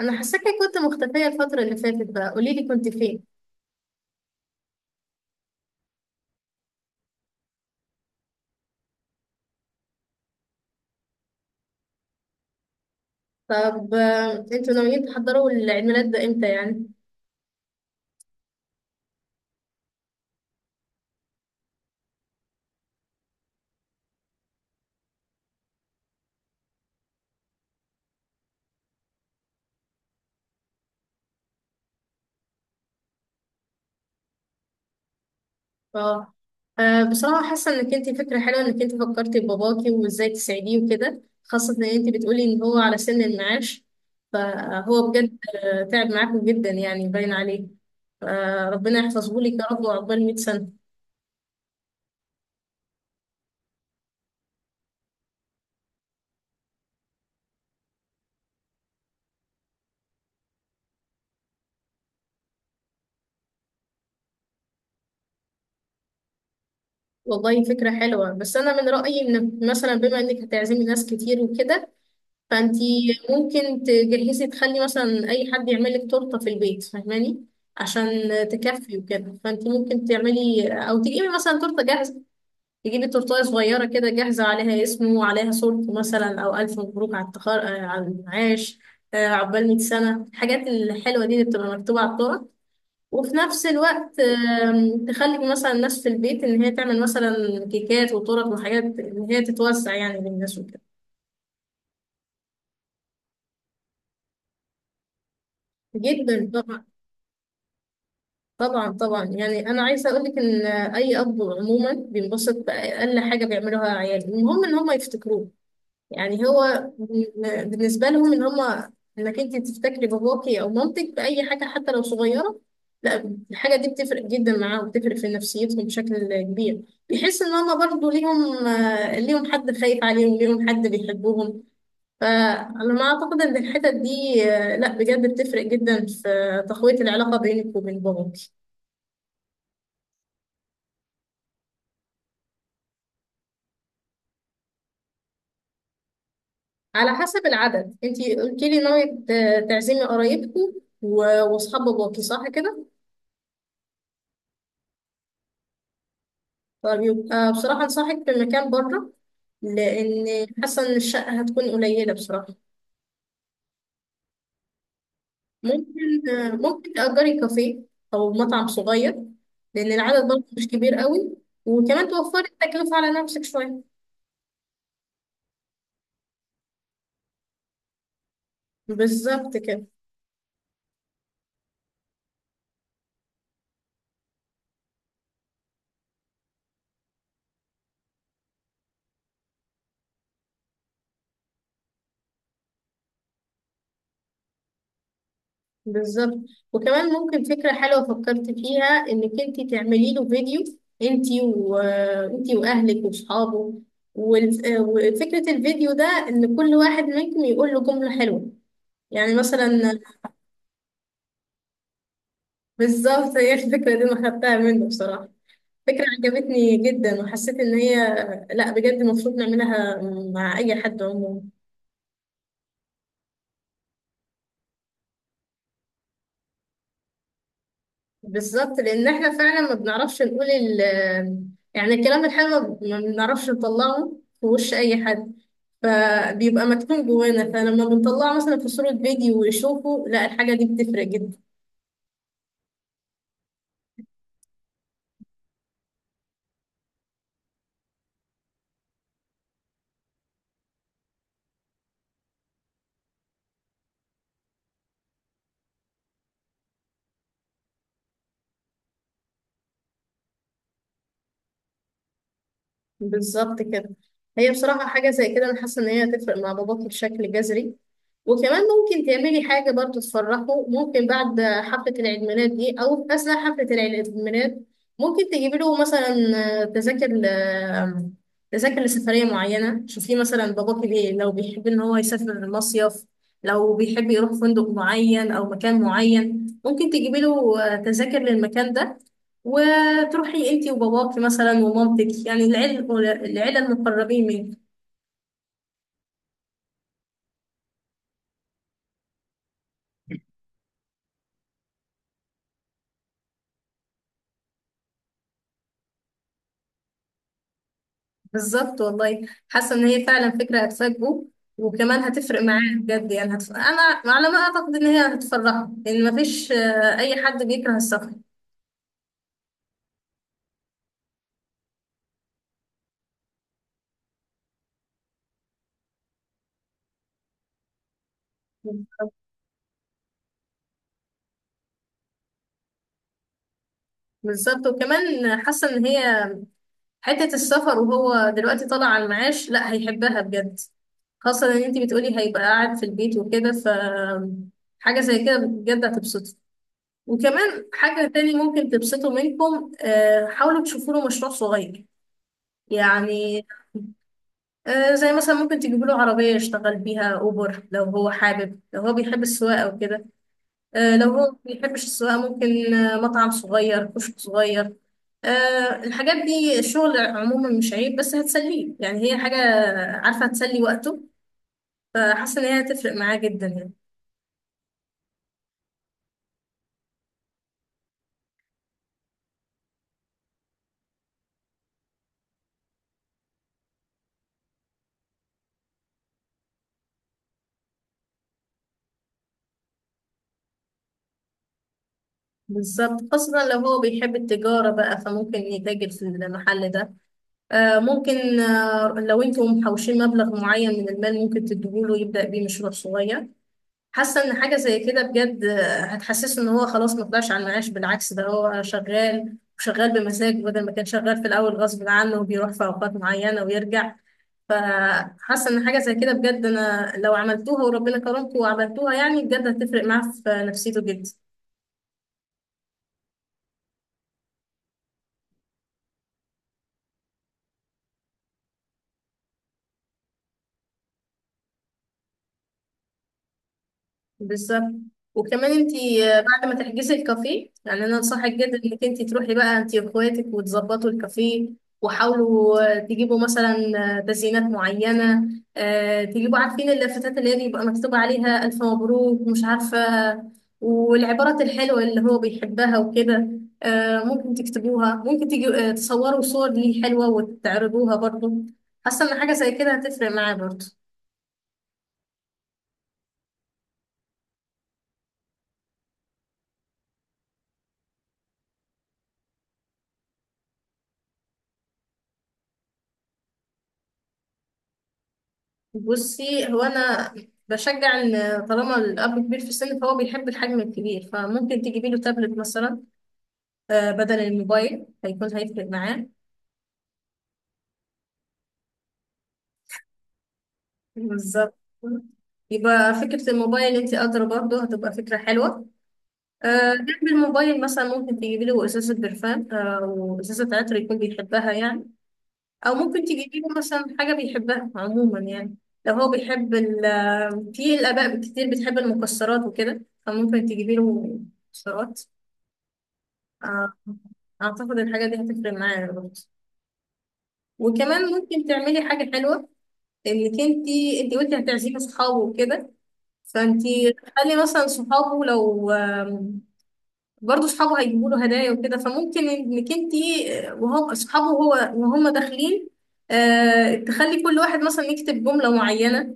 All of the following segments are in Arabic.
انا حاساكي كنت مختفيه الفتره اللي فاتت بقى، قولي لي كنت فين. طب انتوا ناويين تحضروا العيد ميلاد ده امتى يعني؟ اه. بصراحه حاسه انك انت فكره حلوه انك انت فكرتي بباباكي وازاي تساعديه وكده، خاصه ان انت بتقولي ان هو على سن المعاش. فهو بجد تعب معاكم جدا يعني، باين عليه. فربنا يحفظه لك يا رب وعقبال 100 سنه. والله فكره حلوه، بس انا من رايي ان مثلا بما انك هتعزمي ناس كتير وكده، فانتي ممكن تجهزي تخلي مثلا اي حد يعمل لك تورته في البيت، فاهماني؟ عشان تكفي وكده، فانتي ممكن تعملي او تجيبي مثلا تورته جاهزه، تجيبي تورته صغيره كده جاهزه عليها اسمه وعليها صورته مثلا، او الف مبروك على التخر... آه، على المعاش. عقبال 100 سنه الحاجات الحلوه دي اللي بتبقى مكتوبه على التورته. وفي نفس الوقت تخلي مثلا الناس في البيت ان هي تعمل مثلا كيكات وتورت وحاجات ان هي تتوزع يعني للناس وكده. جدا. طبعا طبعا، يعني انا عايزه اقول لك ان اي اب عموما بينبسط باقل حاجه بيعملوها عياله، المهم ان هم يفتكروه. يعني هو بالنسبه لهم ان هم انك انت تفتكري باباكي او مامتك باي حاجه حتى لو صغيره، لا الحاجه دي بتفرق جدا معاهم، بتفرق في نفسيتهم بشكل كبير. بيحس ان هم برضو ليهم ليهم حد خايف عليهم، ليهم حد بيحبهم. فانا ما اعتقد ان الحتت دي لا بجد بتفرق جدا في تقويه العلاقه بينك وبين باباك. على حسب العدد، انتي قلتي لي ناوية تعزمي قرايبكم واصحاب باباكي، صح كده؟ طب يبقى بصراحة انصحك بمكان بره، لان حاسة ان الشقة هتكون قليلة بصراحة. ممكن، ممكن تأجري كافيه او مطعم صغير، لان العدد برضه مش كبير قوي، وكمان توفري التكلفة على نفسك شوية. بالظبط كده. بالظبط. وكمان ممكن فكرة حلوة فكرت فيها، انك انت تعملي له فيديو، انت وانت واهلك واصحابه، وفكرة الفيديو ده ان كل واحد منكم يقول له جملة حلوة، يعني مثلا. بالظبط، هي الفكرة دي انا خدتها منه بصراحة، فكرة عجبتني جدا وحسيت ان هي لا بجد المفروض نعملها مع اي حد عموما. بالظبط، لان احنا فعلا ما بنعرفش نقول ال، يعني الكلام الحلو ما بنعرفش نطلعه في وش اي حد، فبيبقى مكتوم جوانا، فلما بنطلعه مثلا في صورة فيديو ويشوفه، لا الحاجة دي بتفرق جدا. بالظبط كده. هي بصراحة حاجة زي كده أنا حاسة إن هي هتفرق مع باباكي بشكل جذري. وكمان ممكن تعملي حاجة برضو تفرحه، ممكن بعد حفلة العيد ميلاد دي أو في أثناء حفلة العيد ميلاد، ممكن تجيبي له مثلا تذاكر تذاكر لسفرية معينة. شوفيه مثلا باباكي بيه، لو بيحب إن هو يسافر مصيف، لو بيحب يروح فندق معين أو مكان معين، ممكن تجيبي له تذاكر للمكان ده، وتروحي انتي وباباكي مثلا ومامتك يعني العيلة، العيلة المقربين منك. بالظبط والله، حاسه ان هي فعلا فكره هتفاجئه، وكمان هتفرق معاه بجد يعني انا على ما اعتقد ان هي هتفرحه، لان مفيش اي حد بيكره السفر. بالظبط. بالظبط. وكمان حاسه ان هي حته السفر وهو دلوقتي طالع على المعاش لا هيحبها بجد، خاصه ان انت بتقولي هيبقى قاعد في البيت وكده، ف حاجه زي كده بجد هتبسطه. وكمان حاجه تاني ممكن تبسطه منكم، حاولوا تشوفوا له مشروع صغير، يعني زي مثلا ممكن تجيب له عربية يشتغل بيها أوبر لو هو حابب، لو هو بيحب السواقة وكده. لو هو ما بيحبش السواقة، ممكن مطعم صغير، كشك صغير. الحاجات دي الشغل عموما مش عيب، بس هتسليه يعني، هي حاجة عارفة هتسلي وقته، فحاسة إن هي هتفرق معاه جدا يعني. بالظبط، خاصة لو هو بيحب التجارة بقى، فممكن يتاجر في المحل ده. ممكن لو انتم محوشين مبلغ معين من المال، ممكن تديهوله يبدأ بيه مشروع صغير. حاسه ان حاجه زي كده بجد هتحسسه ان هو خلاص ما طلعش على المعاش، بالعكس، ده هو شغال وشغال بمزاج، بدل ما كان شغال في الاول غصب عنه وبيروح في اوقات معينه ويرجع. فحاسه ان حاجه زي كده بجد، انا لو عملتوها وربنا كرمكم وعملتوها يعني، بجد هتفرق معاه في نفسيته جدا. بالظبط. وكمان انتي بعد ما تحجزي الكافيه، يعني انا انصحك جدا انك انتي تروحي بقى انتي واخواتك وتظبطوا الكافيه، وحاولوا تجيبوا مثلا تزيينات معينة. تجيبوا، عارفين اللافتات اللي هي بيبقى مكتوب عليها ألف مبروك مش عارفة، والعبارات الحلوة اللي هو بيحبها وكده، ممكن تكتبوها. ممكن تجي تصوروا صور ليه حلوة وتعرضوها برضه. حاسة ان حاجة زي كده هتفرق معاه برضه. بصي هو انا بشجع ان طالما الاب كبير في السن فهو بيحب الحجم الكبير، فممكن تجيبي له تابلت مثلا بدل الموبايل، هيكون هيفرق معاه. بالظبط. يبقى فكرة الموبايل انت ادرى، برضه هتبقى فكرة حلوة. جنب الموبايل مثلا ممكن تجيبي له ازازة برفان او ازازة عطر يكون بيحبها يعني، او ممكن تجيبي له مثلا حاجة بيحبها عموما يعني. لو هو بيحب ال في الاباء كتير بتحب المكسرات وكده، فممكن تجيبي له مكسرات. آه، اعتقد الحاجه دي هتفرق معايا برضه. وكمان ممكن تعملي حاجه حلوه، انك انت، انت قلتي هتعزمي صحابه وكده، فانت تخلي مثلا صحابه، لو برضه صحابه هيجيبوا له هدايا وكده، فممكن انك انت وهم صحابه هو وهم داخلين تخلي كل واحد مثلا يكتب جمله معينه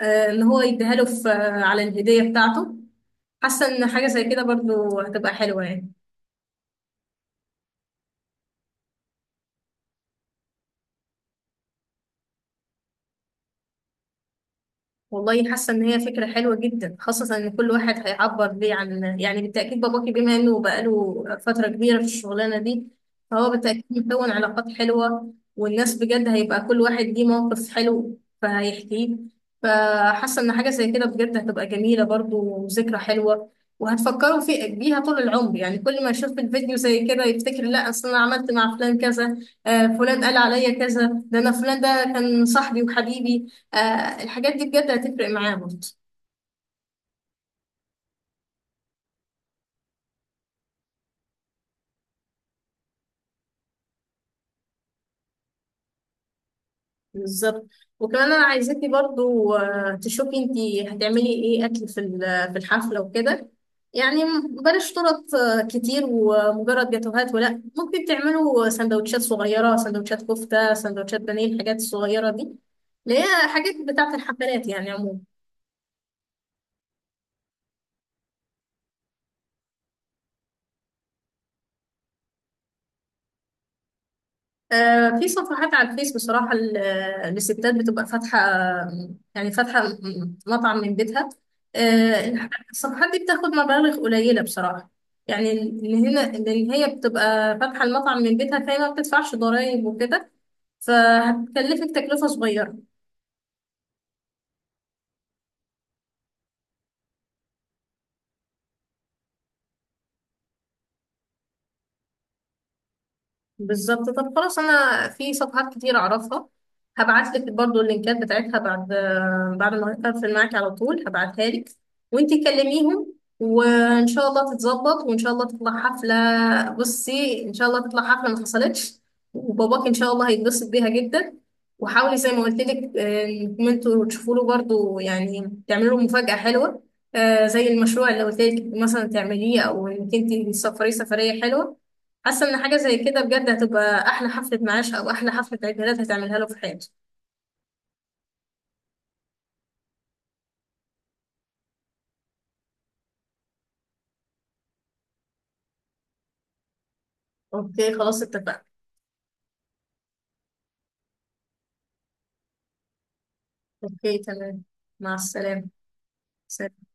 ان هو يديها له على الهديه بتاعته. حاسه ان حاجه زي كده برضه هتبقى حلوه يعني. والله حاسه ان هي فكره حلوه جدا، خاصه ان كل واحد هيعبر ليه عن يعني، بالتاكيد باباكي بما انه بقاله فتره كبيره في الشغلانه دي، فهو بالتاكيد مكون علاقات حلوه، والناس بجد هيبقى كل واحد ليه موقف حلو فهيحكيه. فحاسه ان حاجه زي كده بجد هتبقى جميله برضو وذكرى حلوه، وهتفكروا في بيها طول العمر يعني، كل ما يشوف الفيديو زي كده يفتكر لا اصل انا عملت مع فلان كذا، فلان قال عليا كذا، ده انا فلان ده كان صاحبي وحبيبي. آه الحاجات دي بجد هتفرق معاه برضه. بالظبط. وكمان انا عايزاكي برضو تشوفي انتي هتعملي ايه اكل في الحفله وكده، يعني بلاش طرط كتير ومجرد جاتوهات، ولا ممكن تعملوا سندوتشات صغيره، سندوتشات كفته، سندوتشات بانيه، الحاجات الصغيره دي اللي هي حاجات بتاعه الحفلات يعني عموما. في صفحات على الفيس بصراحة للستات بتبقى فاتحة يعني فاتحة مطعم من بيتها. الصفحات دي بتاخد مبالغ قليلة بصراحة، يعني اللي هنا اللي هي بتبقى فاتحة المطعم من بيتها فهي ما بتدفعش ضرائب وكده، فهتكلفك تكلفة صغيرة. بالظبط. طب خلاص، انا في صفحات كتير اعرفها، هبعت لك برضو اللينكات بتاعتها بعد، بعد ما اقفل معاك على طول هبعتها لك، وانتي كلميهم، وان شاء الله تتظبط وان شاء الله تطلع حفله. بصي ان شاء الله تطلع حفله ما حصلتش، وباباك ان شاء الله هيتبسط بيها جدا. وحاولي زي ما قلت لك انكم انتوا تشوفوا له برضو، يعني تعملوا له مفاجاه حلوه، زي المشروع اللي قلت لك مثلا تعمليه، او انك انت تسافري سفريه حلوه. حاسه ان حاجه زي كده بجد هتبقى احلى حفله معاش او احلى حفله عيد ميلاد هتعملها له في حياته. اوكي خلاص، اتفقنا. اوكي تمام، مع السلامه. سلام.